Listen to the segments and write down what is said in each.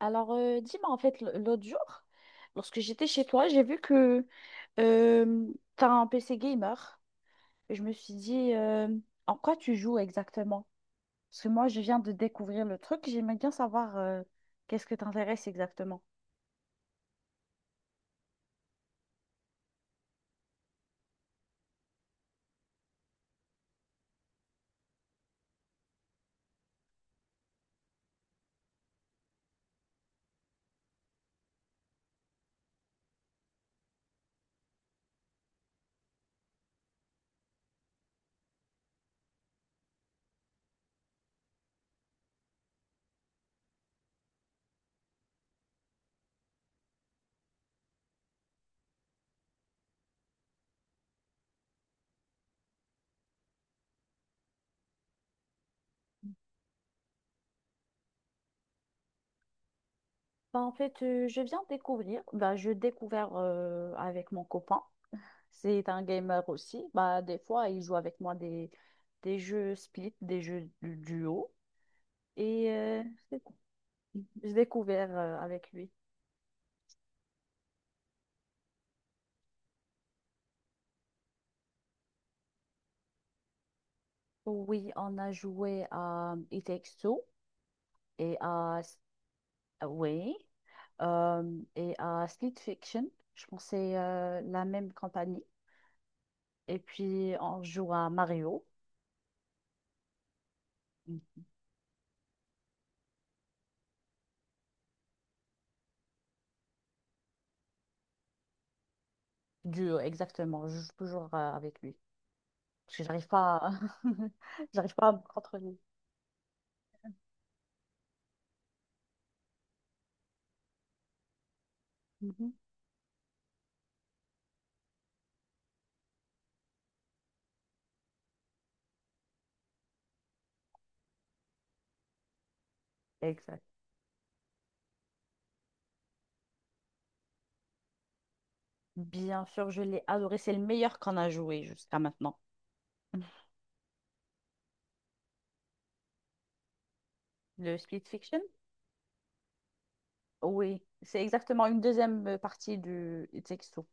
Alors, dis-moi, en fait, l'autre jour, lorsque j'étais chez toi, j'ai vu que euh, tu as un PC gamer. Et je me suis dit, en quoi tu joues exactement? Parce que moi, je viens de découvrir le truc. J'aimerais bien savoir qu'est-ce que t'intéresse exactement. Bah, en fait, je viens de découvrir. Bah, je découvert avec mon copain. C'est un gamer aussi. Bah, des fois, il joue avec moi des jeux split, des jeux du duo. Et c'est tout. J'ai découvert avec lui. Oui, on a joué à It Takes Two et à oui, et à Split Fiction. Je pense que c'est la même compagnie. Et puis on joue à Mario. Duo, exactement. Je joue toujours avec lui. Parce que j'arrive pas à... J'arrive pas à me contrôler. Mhm. Exact. Bien sûr, je l'ai adoré. C'est le meilleur qu'on a joué jusqu'à maintenant. Le Split Fiction? Oui, c'est exactement une deuxième partie du It Takes Two.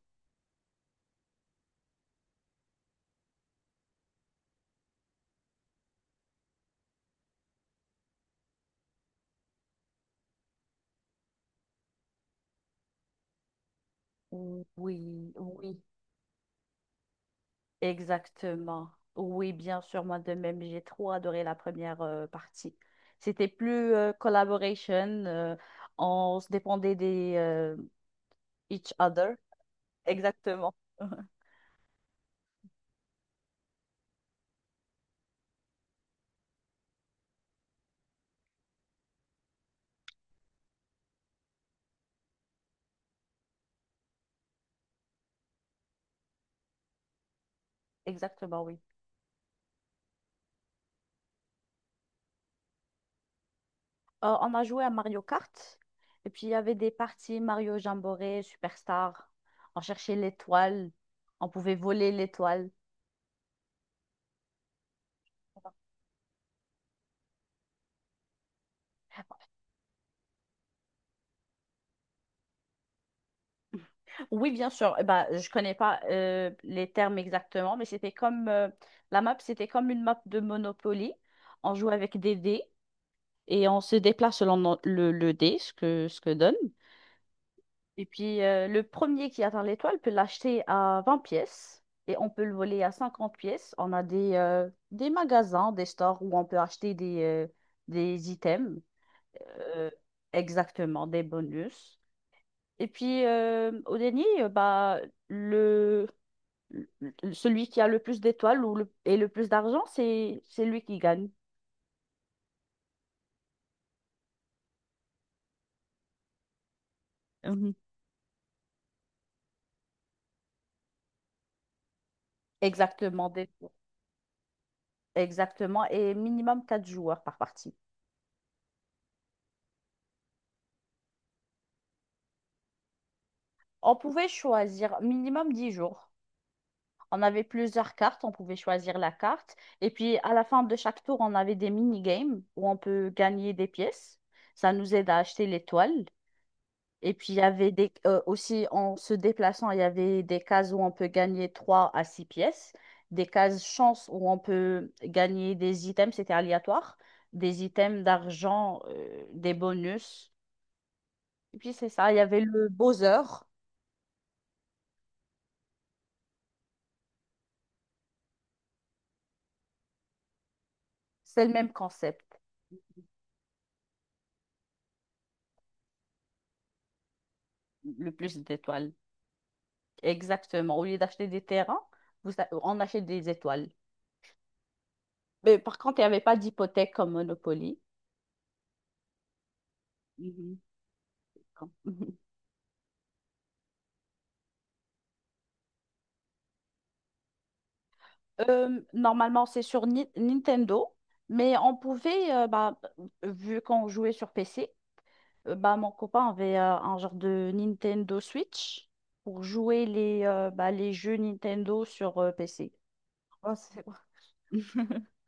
Oui, oui, exactement. Oui, bien sûr, moi de même, j'ai trop adoré la première partie. C'était plus collaboration, euh, on se dépendait des each other. Exactement. Exactement, oui. On a joué à Mario Kart. Et puis, il y avait des parties Mario Jamboree, Superstar. On cherchait l'étoile. On pouvait voler l'étoile. Oui, bien sûr. Eh Ben, je connais pas les termes exactement, mais c'était comme la map, c'était comme une map de Monopoly. On joue avec des dés et on se déplace selon le dé, ce que donne. Et puis, le premier qui atteint l'étoile peut l'acheter à 20 pièces et on peut le voler à 50 pièces. On a des magasins, des stores où on peut acheter des items, euh, exactement, des bonus. Et puis, au dernier, bah, le, le celui qui a le plus d'étoiles ou le, et le plus d'argent, c'est lui qui gagne. Mhm. Exactement, des- exactement. Et minimum 4 joueurs par partie. On pouvait choisir minimum 10 jours. On avait plusieurs cartes, on pouvait choisir la carte. Et puis à la fin de chaque tour, on avait des mini-games où on peut gagner des pièces. Ça nous aide à acheter les l'étoile. Et puis il y avait des, aussi en se déplaçant, il y avait des cases où on peut gagner 3 à 6 pièces, des cases chance où on peut gagner des items, c'était aléatoire, des items d'argent, des bonus. Et puis c'est ça, il y avait le Bowser, c'est le même concept, le plus d'étoiles. Exactement. Au lieu d'acheter des terrains, on achète des étoiles. Mais par contre, il n'y avait pas d'hypothèque comme Monopoly. Mhm. Comme- normalement, c'est sur Nintendo, mais on pouvait, bah, vu qu'on jouait sur PC, bah, mon copain avait un genre de Nintendo Switch pour jouer les, bah, les jeux Nintendo sur PC. Oh, c'est-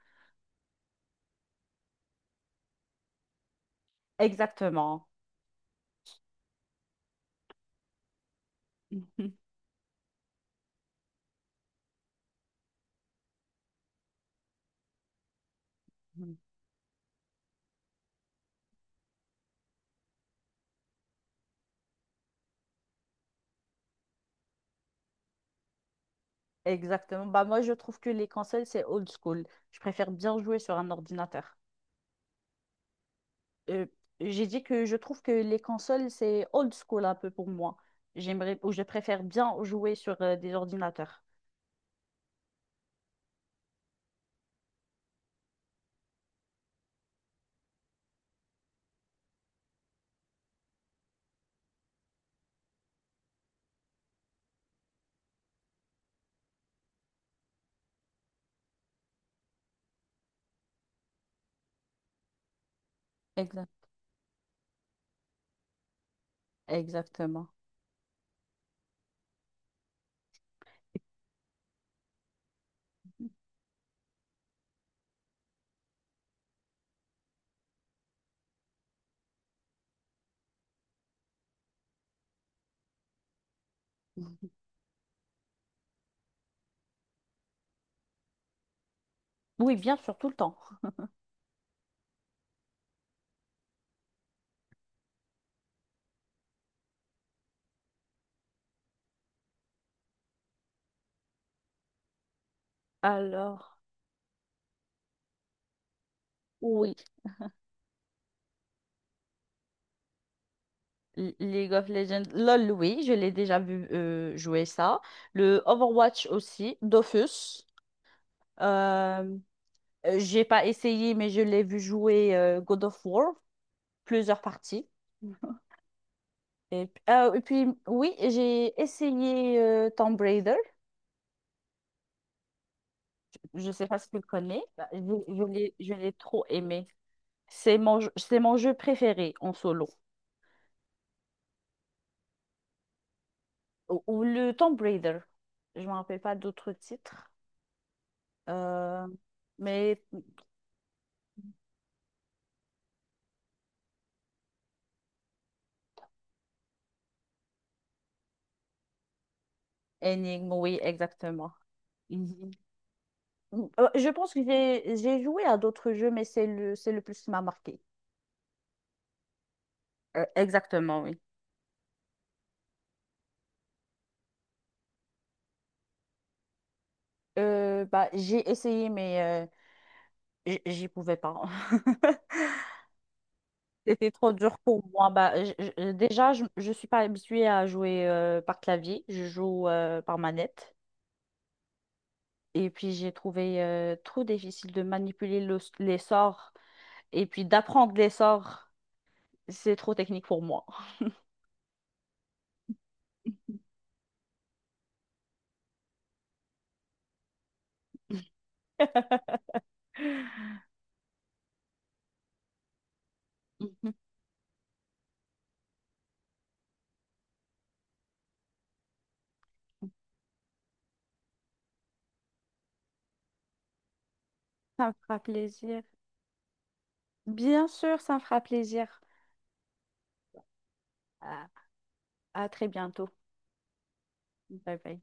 Exactement. Exactement. Bah, moi, je trouve que les consoles, c'est old school. Je préfère bien jouer sur un ordinateur. Euh, j'ai dit que je trouve que les consoles, c'est old school un peu pour moi. J'aimerais, ou je préfère bien jouer sur des ordinateurs. Exact. Exactement. Mhm. Oui, bien sûr, tout le temps. Alors, oui. League of Legends, LOL, oui, je l'ai déjà vu jouer ça. Le Overwatch aussi, Dofus. Euh, j'ai pas essayé, mais je l'ai vu jouer God of War. Plusieurs parties. Et, ah, et puis, oui, j'ai essayé Tomb Raider. Je sais pas si tu le connais. Bah, je l'ai trop aimé. C'est c'est mon jeu préféré en solo. Ou le Tomb Raider. Je me rappelle pas d'autres titres. Euh, mais Énigme, oui, exactement. Mhm. Je pense que j'ai joué à d'autres jeux, mais c'est le plus qui m'a marqué. Exactement, oui. Bah, j'ai essayé, mais j- J'y pouvais pas. C'était trop dur pour moi. Bah, déjà, je ne suis pas habituée à jouer par clavier. Je joue par manette. Et puis, j'ai trouvé trop difficile de manipuler les sorts et puis d'apprendre les sorts. C'est trop technique pour moi. Mhm. Ça me fera plaisir. Bien sûr, ça me fera plaisir. À, à très bientôt. Bye bye.